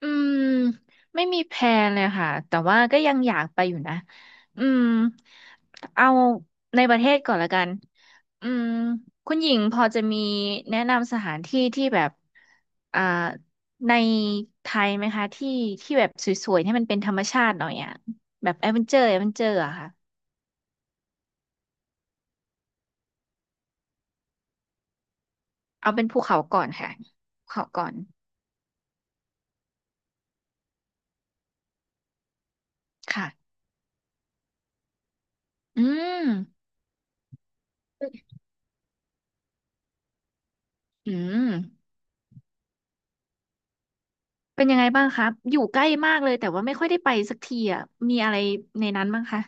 อืมไม่มีแพลนเลยค่ะแต่ว่าก็ยังอยากไปอยู่นะอืมเอาในประเทศก่อนละกันอืมคุณหญิงพอจะมีแนะนำสถานที่ที่แบบอ่าในไทยไหมคะที่ที่แบบสวยๆให้มันเป็นธรรมชาติหน่อยอ่ะแบบแอดเวนเจอร์แอดเวนเจอร์อะค่ะเอาเป็นภูเขาก่อนค่ะภูเขาก่อนค่ะอืมอืม เป็นยังไงบ้างครับอยู่ใกล้มากเลยแต่ว่าไม่ค่อยได้ไปสักทีอ่ะ มีอะไรในนั้นบ้างคะ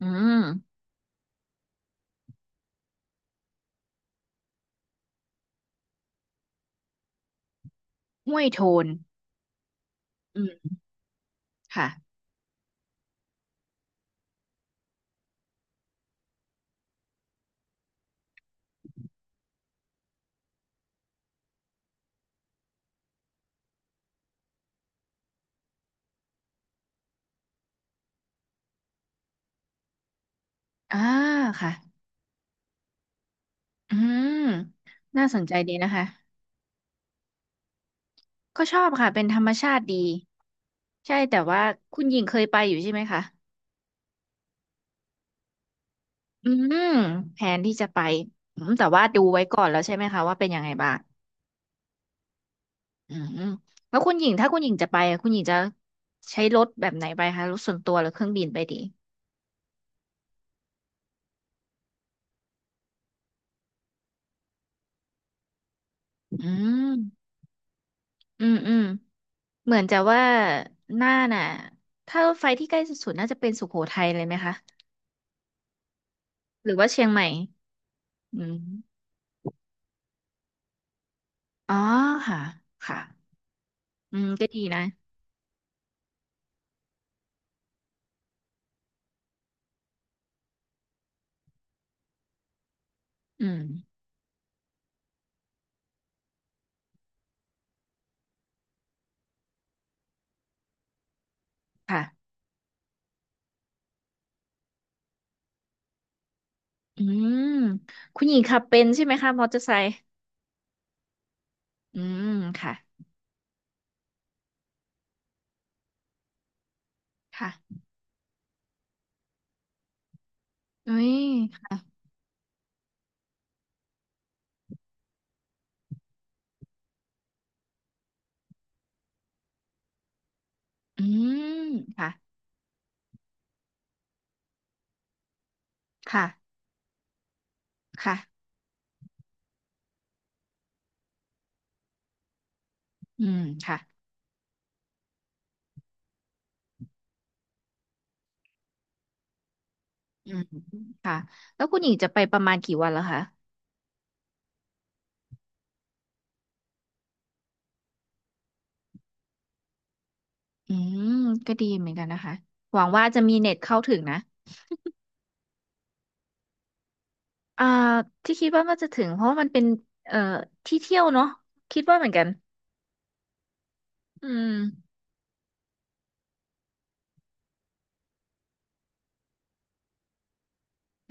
อืมห้วยโทนอืมค่ะอ่าค่ะ อืม น่าสนใจดีนะคะ ก็ชอบค่ะ เป็นธรรมชาติดี ใช่แต่ว่าคุณหญิงเคยไปอยู่ใช่ไหมคะ อืม แผนที่จะไปแต่ว่าดูไว้ก่อนแล้วใช่ไหมคะว่าเป็นยังไงบ้าง อืม แล้วคุณหญิงถ้าคุณหญิงจะไปอะคุณหญิงจะใช้รถแบบไหนไปคะรถส่วนตัวหรือเครื่องบินไปดีอืมอืมอืม เหมือนจะว่าน่านน่ะถ้ารถไฟที่ใกล้สุดๆน่าจะเป็นสุโขทัยเลยไหมคะหรือว่าเชียงใหม่อืมอ๋อค่ะค่ะอืมก็ดีนะอืมค่ะอืมคุณหญิงขับเป็นใช่ไหมคะมอเตอร์ไซค์อืมค่ะค่ะอุ้ยค่ะอืมค่ะค่ะค่ะอืมค่ะอืมแล้วคุณหญิงจะไปประมาณกี่วันแล้วคะอืมก็ดีเหมือนกันนะคะหวังว่าจะมีเน็ตเข้าถึงนะ อ่าที่คิดว่ามันจะถึงเพราะว่ามันเป็นเอ่อที่เที่ยวเนาะคิดว่าเหมือนกันอืม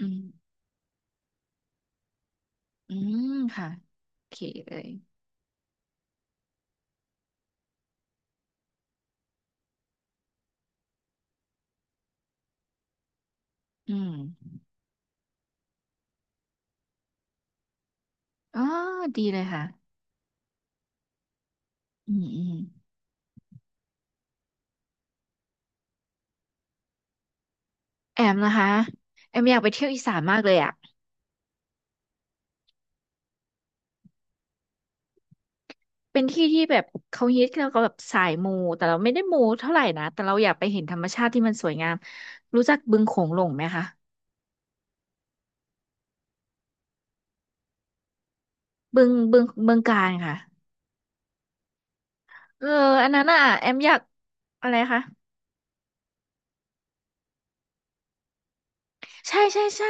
อืมอืมค่ะโอเคเลยอืมอ๋อดีเลยค่ะอืมอืมแอมนะคะแอมอยากไปเที่ยวอีสานมากเลยอ่ะเป็นที่ที่แบบเขาฮิตแล้วก็แบบสายมูแต่เราไม่ได้มูเท่าไหร่นะแต่เราอยากไปเห็นธรรมชาติที่มันสวยงามรู้จักบึงโขงหลงไหมคะบึงกาฬค่ะเอออันนั้นอ่ะแอมอยากอะไรคะ ใช่ใช่ใช่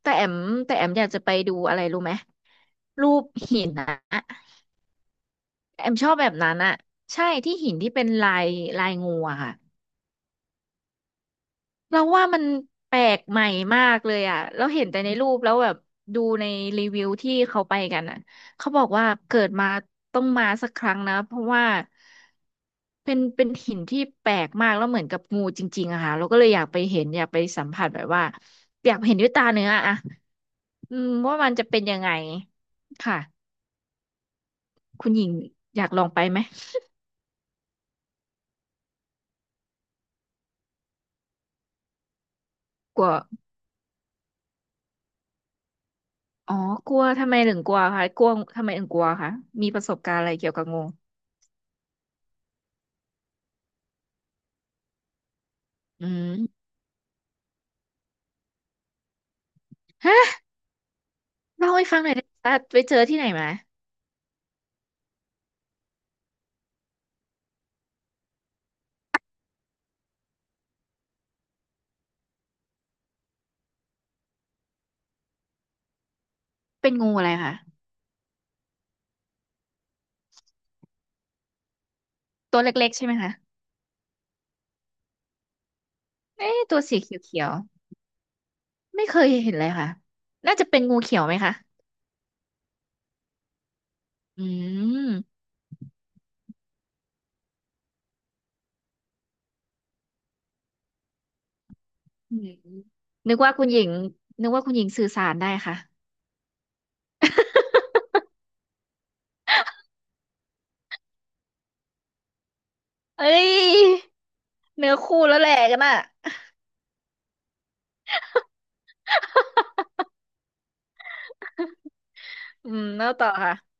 แต่แอมแต่แอมอยากจะไปดูอะไรรู้ไหมรูปหินนะแอมชอบแบบนั้นอะใช่ที่หินที่เป็นลายลายงูอะค่ะเราว่ามันแปลกใหม่มากเลยอะเราเห็นแต่ในรูปแล้วแบบดูในรีวิวที่เขาไปกันอะเขาบอกว่าเกิดมาต้องมาสักครั้งนะเพราะว่าเป็นหินที่แปลกมากแล้วเหมือนกับงูจริงๆอะค่ะเราก็เลยอยากไปเห็นอยากไปสัมผัสแบบว่าอยากเห็นด้วยตาเนื้ออะ อืมว่ามันจะเป็นยังไงค่ะคุณหญิงอยากลองไปไหมกลัวอ๋อกลัวทำไมถึงกลัวคะกลัวทำไมถึงกลัวคะมีประสบการณ์อะไรเกี่ยวกับงูอืมฮะเล่าให้ฟังหน่อยได้ไหมคะไปเจอที่ไหนมาเป็นงูอะไรคะตัวเล็กๆใช่ไหมคะเอ๊ะตัวสีเขียวๆไม่เคยเห็นเลยค่ะน่าจะเป็นงูเขียวไหมคะอืมอืมนึกว่าคุณหญิงนึกว่าคุณหญิงสื่อสารได้ค่ะเอ้ยเนื้อคู่แล้วแหละกันอ่ะอืมแล้วต่อค่ะ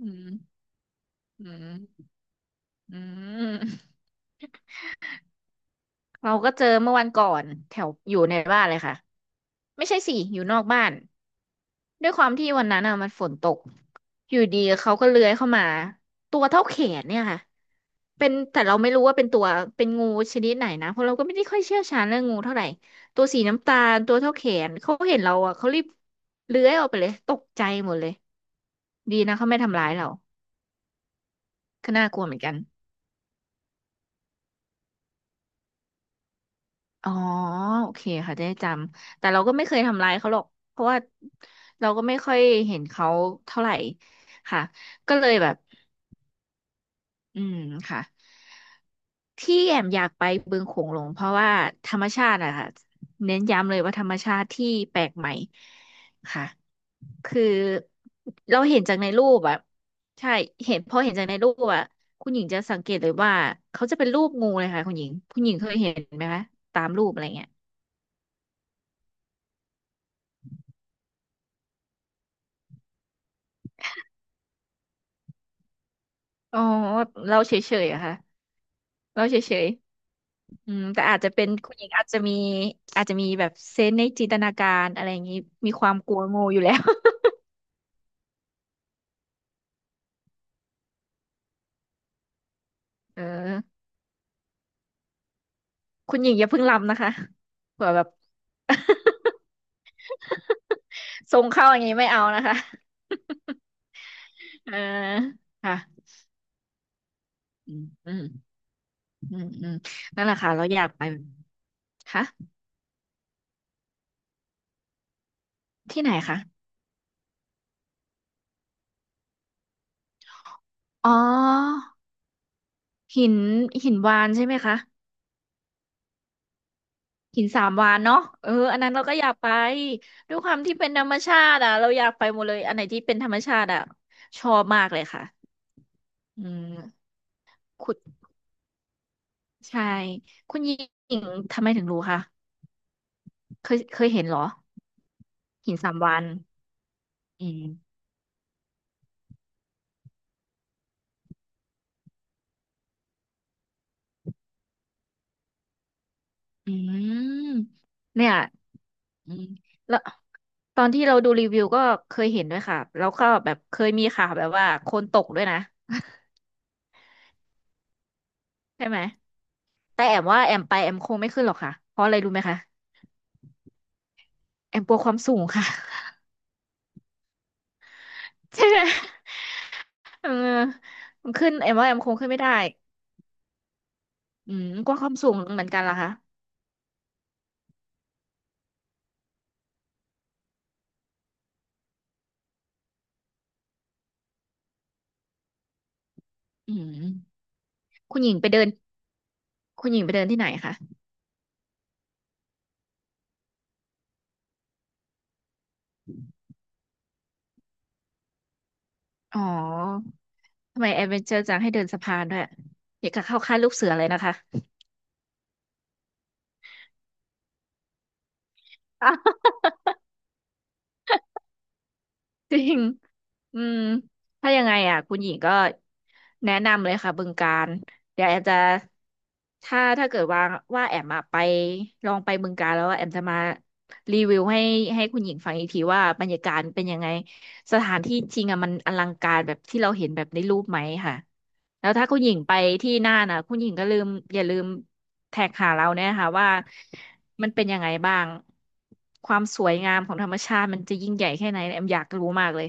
อืมอืมอืมเราก็เจอเมื่อวันก่อนแถวอยู่ในบ้านเลยค่ะไม่ใช่สิอยู่นอกบ้านด้วยความที่วันนั้นอ่ะมันฝนตกอยู่ดีเขาก็เลื้อยเข้ามาตัวเท่าแขนเนี่ยค่ะเป็นแต่เราไม่รู้ว่าเป็นตัวเป็นงูชนิดไหนนะเพราะเราก็ไม่ได้ค่อยเชี่ยวชาญเรื่องงูเท่าไหร่ตัวสีน้ำตาลตัวเท่าแขนเขาเห็นเราอ่ะเขารีบเลื้อยออกไปเลยตกใจหมดเลยดีนะเขาไม่ทำร้ายเราก็น่ากลัวเหมือนกัน อ๋อโอเคค่ะได้จำแต่เราก็ไม่เคยทำร้ายเขาหรอกเพราะว่าเราก็ไม่ค่อยเห็นเขาเท่าไหร่ค่ะก็เลยแบบอืมค่ะที่แอมอยากไปบึงโขงหลงเพราะว่าธรรมชาติอะค่ะเน้นย้ำเลยว่าธรรมชาติที่แปลกใหม่ค่ะคือเราเห็นจากในรูปอะใช่เห็นจากในรูปอะคุณหญิงจะสังเกตเลยว่าเขาจะเป็นรูปงูเลยค่ะคุณหญิงเคยเห็นไหมคะตามรูปอะไรเงี้ยอ๋อเราเฉยๆอะค่ะ เราเฉยๆอืมแต่อาจจะเป็นคุณหญิงอาจจะมีแบบเซนส์ในจินตนาการอะไรอย่างนี้ มีความกลัวงูอยู่แล้ว เออคุณหญิงอย่าเพิ่งลำนะคะเผื่อแบบ ทรงเข้าอย่างนี้ไม่เอานะคะ เออค่ะอืมอืมอืมอืมนั่นแหละค่ะเราอยากไปค่ะที่ไหนคะ อ๋อ หินหินวานใช่ไหมคะ หินสามวานเนาะเอออันนั้นเราก็อยากไปด้วยความที่เป็นธรรมชาติอ่ะเราอยากไปหมดเลยอันไหนที่เป็นธรรมชาติอ่ะชอบมากเลยค่ะอืมคุณใช่คุณหญิงทำไมถึงรู้คะเคยเห็นเหรอหินสามวานอืมอืมเนี่ยอืมแล้วตอนที่เราดูรีวิวก็เคยเห็นด้วยค่ะแล้วก็แบบเคยมีข่าวแบบว่าคนตกด้วยนะใช่ไหมแต่แอมว่าแอมไปแอมคงไม่ขึ้นหรอกค่ะเพราะอะไรรู้ไหมคะแอมกลัวความสูงค่ะ ใช่ไหมเออมันขึ้นแอมว่าแอมคงขึ้นไม่ได้อืมกลัวความสูงเหมือนกันล่ะคะอืมคุณหญิงไปเดินคุณหญิงไปเดินที่ไหนคะอ๋อทำไมแอดเวนเจอร์จังให้เดินสะพานด้วยอยากจะเข้าค่ายลูกเสือเลยนะคะอ้าวจริงอืมถ้ายังไงอ่ะคุณหญิงก็แนะนำเลยค่ะบึงกาฬเดี๋ยวแอมจะถ้าเกิดว่าแอมอะไปลองไปบึงกาฬแล้วแอมจะมารีวิวให้คุณหญิงฟังอีกทีว่าบรรยากาศเป็นยังไง สถานที่จริงอ่ะมันอลังการแบบที่เราเห็นแบบในรูปไหมค่ะแล้วถ้าคุณหญิงไปที่น่านอ่ะคุณหญิงก็อย่าลืมแท็กหาเราเนี่ยค่ะว่ามันเป็นยังไงบ้างความสวยงามของธรรมชาติมันจะยิ่งใหญ่แค่ไหนแอมอยากรู้มากเลย